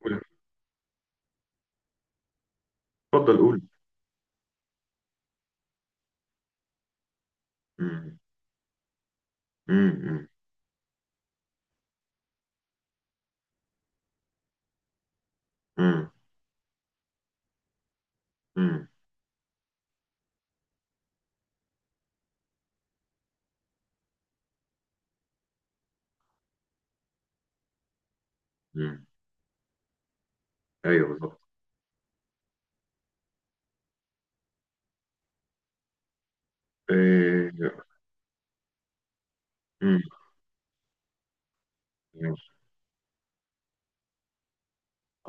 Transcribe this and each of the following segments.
قول. اتفضل قول. مم. مم. مم. مم. مم. ايوه بالظبط. آه، مم. ماشي.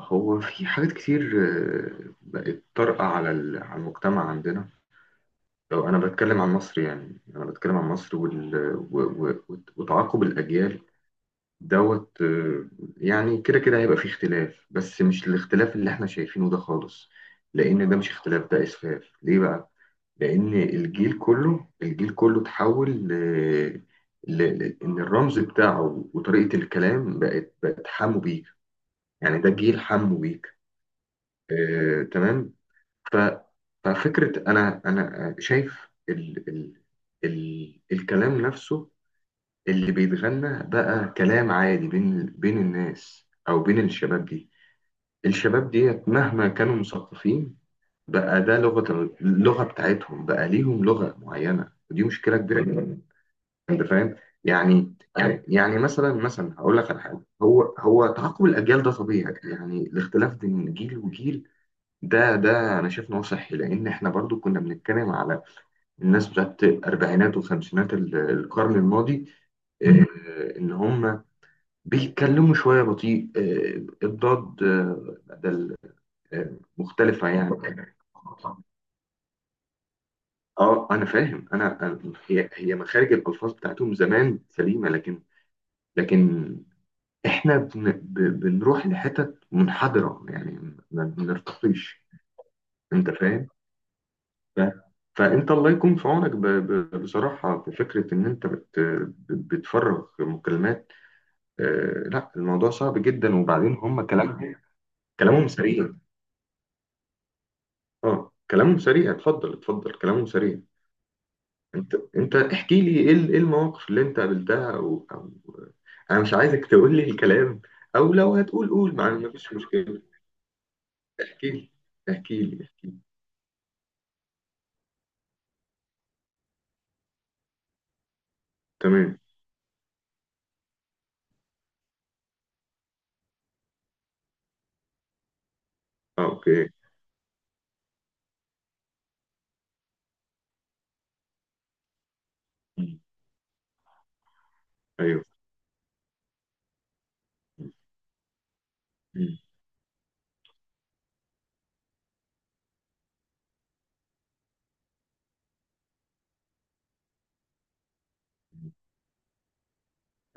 هو في حاجات كتير بقت طارئة على المجتمع عندنا. لو انا بتكلم عن مصر، يعني انا بتكلم عن مصر وال... و... و... وت- وتعاقب الاجيال. دوت. يعني كده كده هيبقى فيه اختلاف، بس مش الاختلاف اللي احنا شايفينه ده خالص. لأن ده مش اختلاف، ده إسفاف. ليه بقى؟ لأن الجيل كله الجيل كله تحول إن الرمز بتاعه وطريقة الكلام بقت حمو بيك. يعني ده جيل حمو بيك. آه، تمام. ف... ففكرة أنا شايف الكلام نفسه اللي بيتغنى بقى كلام عادي بين الناس او بين الشباب دي. الشباب ديت مهما كانوا مثقفين، بقى ده لغة اللغة بتاعتهم. بقى ليهم لغة معينة، ودي مشكلة كبيرة جدا. انت فاهم؟ يعني مثلا هقول لك على حاجة. هو تعاقب الاجيال ده طبيعي، يعني الاختلاف بين جيل وجيل، ده انا شايف ان هو صحي. لان احنا برضو كنا بنتكلم على الناس بتاعت الاربعينات والخمسينات القرن الماضي. ان هم بيتكلموا شوية بطيء، الضاد، بدل، مختلفة يعني. اه، انا فاهم. هي مخارج الالفاظ بتاعتهم زمان سليمه، لكن لكن احنا بنروح لحتت منحدره، يعني ما بنرتقيش. انت فاهم؟ ف- فانت الله يكون في عونك. بصراحه، في فكره ان انت بتفرغ مكالمات. لا الموضوع صعب جدا، وبعدين هم كلامهم كلامهم سريع. اه، كلامهم سريع. اتفضل اتفضل، كلامهم سريع. انت احكي لي ايه ايه المواقف اللي انت قابلتها او. انا مش عايزك تقول لي الكلام، او لو هتقول قول، ما فيش مشكله. احكي لي احكي لي احكي لي. تمام. اه، اوكي. مم. ايوه. مم.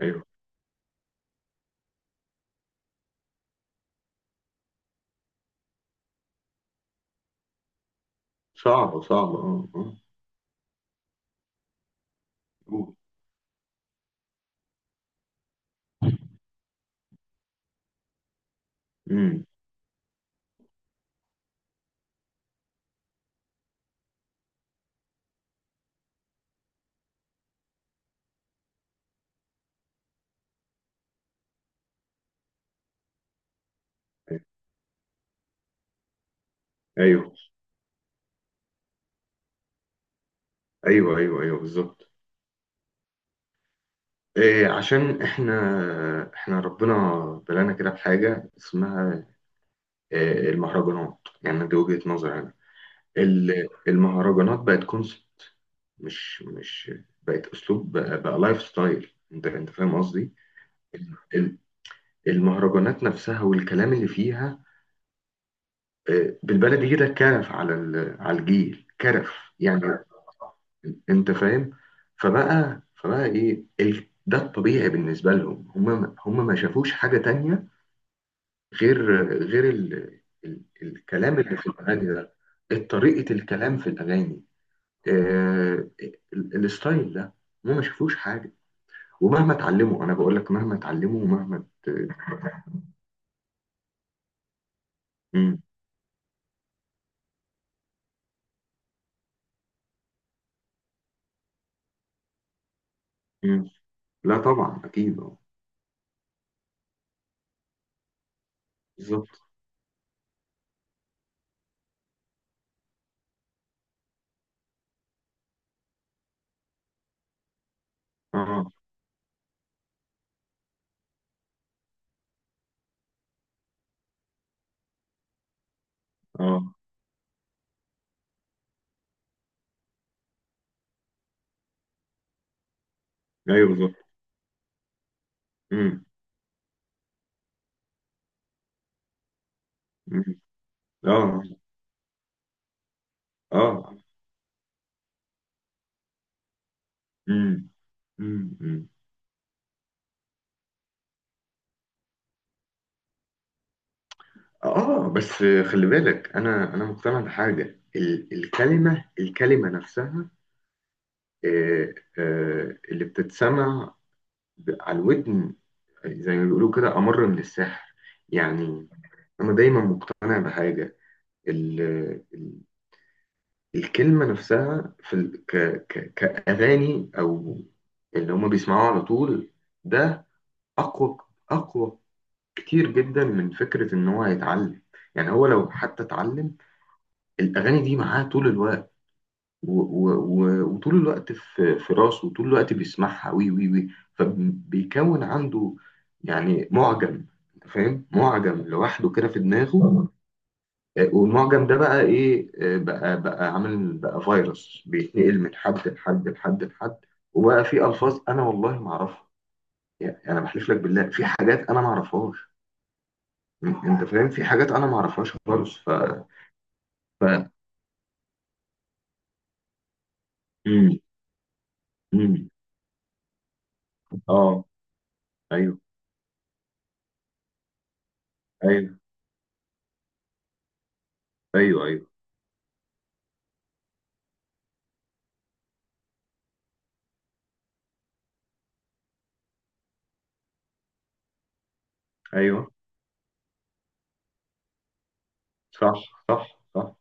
ايوه. صعبه صعبه، اه اه. قول. مم. ايوه ايوه ايوه ايوه بالظبط. إيه؟ عشان احنا ربنا بلانا كده بحاجه اسمها المهرجانات. يعني دي وجهة نظري أنا. المهرجانات بقت كونسبت. مش مش بقت أسلوب، بقى لايف ستايل. أنت فاهم قصدي؟ ال- ال- المهرجانات نفسها والكلام اللي فيها، بالبلدي كده كرف على على الجيل كرف يعني. انت فاهم؟ فبقى ايه ده الطبيعي بالنسبه لهم. هم ما شافوش حاجه تانية غير الكلام اللي في الاغاني ده. طريقه الكلام في الاغاني، آه... الستايل ده، هم ما شافوش حاجه. ومهما اتعلموا، انا بقول لك مهما اتعلموا، مم. مم. لا، طبعا اكيد، اه. بالظبط. اه اه ايوه بالظبط. مم. مم. اه اه. مم. مم. مم. اه، بس خلي بالك، انا مقتنع بحاجه. الكلمه نفسها، اللي بتتسمع على الودن، زي ما بيقولوا كده، أمر من السحر يعني. أنا دايما مقتنع بحاجة، ال ال الكلمة نفسها في ال ك ك كأغاني أو اللي هما بيسمعوه على طول، ده أقوى، أقوى كتير جدا من فكرة إن هو هيتعلم. يعني هو لو حتى اتعلم، الأغاني دي معاه طول الوقت، وطول الوقت في راسه، وطول الوقت بيسمعها، وي وي وي فبيكون عنده يعني معجم. أنت فاهم؟ معجم لوحده كده في دماغه. والمعجم ده بقى ايه؟ بقى عامل بقى فيروس بيتنقل من حد لحد لحد لحد. وبقى في الفاظ انا والله ما اعرفها. يعني انا بحلف لك بالله في حاجات انا ما اعرفهاش. انت فاهم؟ في حاجات انا ما اعرفهاش خالص. ف ف امم. امم. اه. ايوه ايوه ايوه ايوه ايوه. صح. صح صح.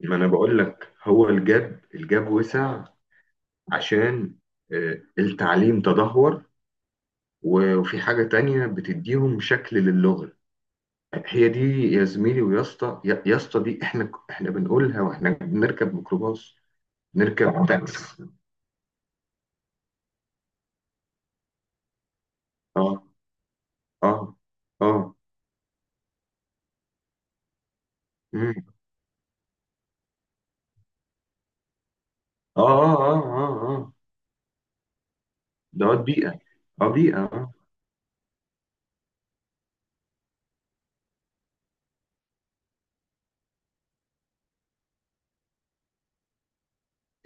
ما انا بقول لك، هو الجاب وسع عشان التعليم تدهور. وفي حاجة تانية بتديهم شكل للغة، هي دي. يا زميلي، ويا اسطى، يا اسطى دي احنا احنا بنقولها واحنا بنركب ميكروباص، نركب تاكسي. اه اه اه. مم. اه اه اه اه اه. دوت. بيئة. اه، بيئة، اه.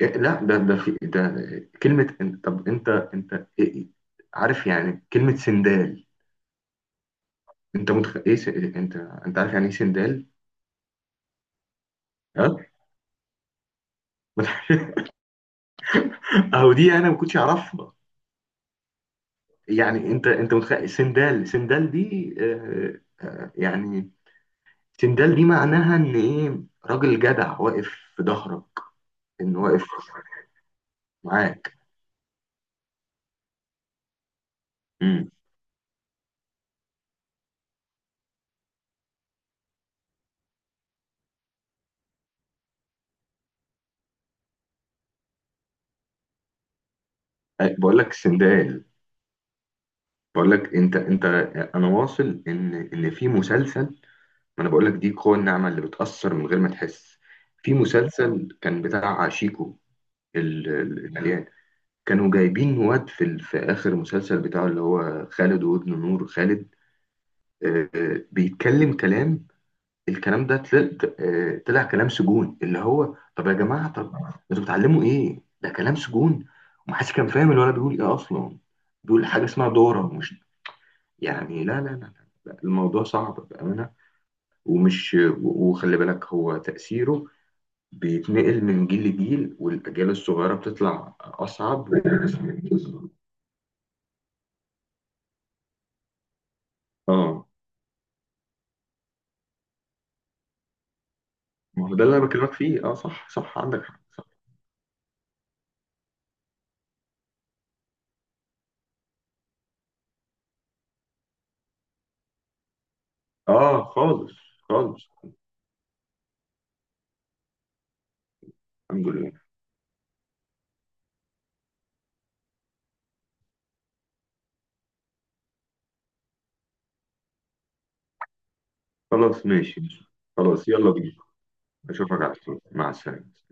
إيه، لا، ده في ده كلمة. طب، عارف يعني كلمة سندال؟ انت انت عارف يعني ايه سندال؟ ها؟ اهو دي انا ما كنتش اعرفها. يعني انت متخيل سندال سندال دي. يعني سندال دي معناها ان ايه؟ راجل جدع واقف في ظهرك، ان واقف معاك. امم. بقول لك سندال، بقول لك انت انا واصل ان في مسلسل. ما انا بقول لك، دي قوة النعمة اللي بتأثر من غير ما تحس. في مسلسل كان بتاع شيكو، المليان، كانوا جايبين واد في اخر المسلسل بتاعه، اللي هو خالد وابن نور خالد، بيتكلم كلام. الكلام ده طلع كلام سجون. اللي هو طب يا جماعه، طب انتوا بتعلموا ايه؟ ده كلام سجون. ومحدش كان فاهم الولد بيقول ايه اصلا. بيقول حاجه اسمها دوره مش يعني. لا لا لا, لا. لا، الموضوع صعب بامانه. وخلي بالك هو تاثيره بيتنقل من جيل لجيل، والاجيال الصغيره بتطلع اصعب اه. ما هو ده اللي انا بكلمك فيه. اه صح صح، عندك حق، صح. اه، خالص خالص. الحمد لله. خلاص ماشي ماشي. خلاص يلا بينا. اشوفك على خير، مع السلامة.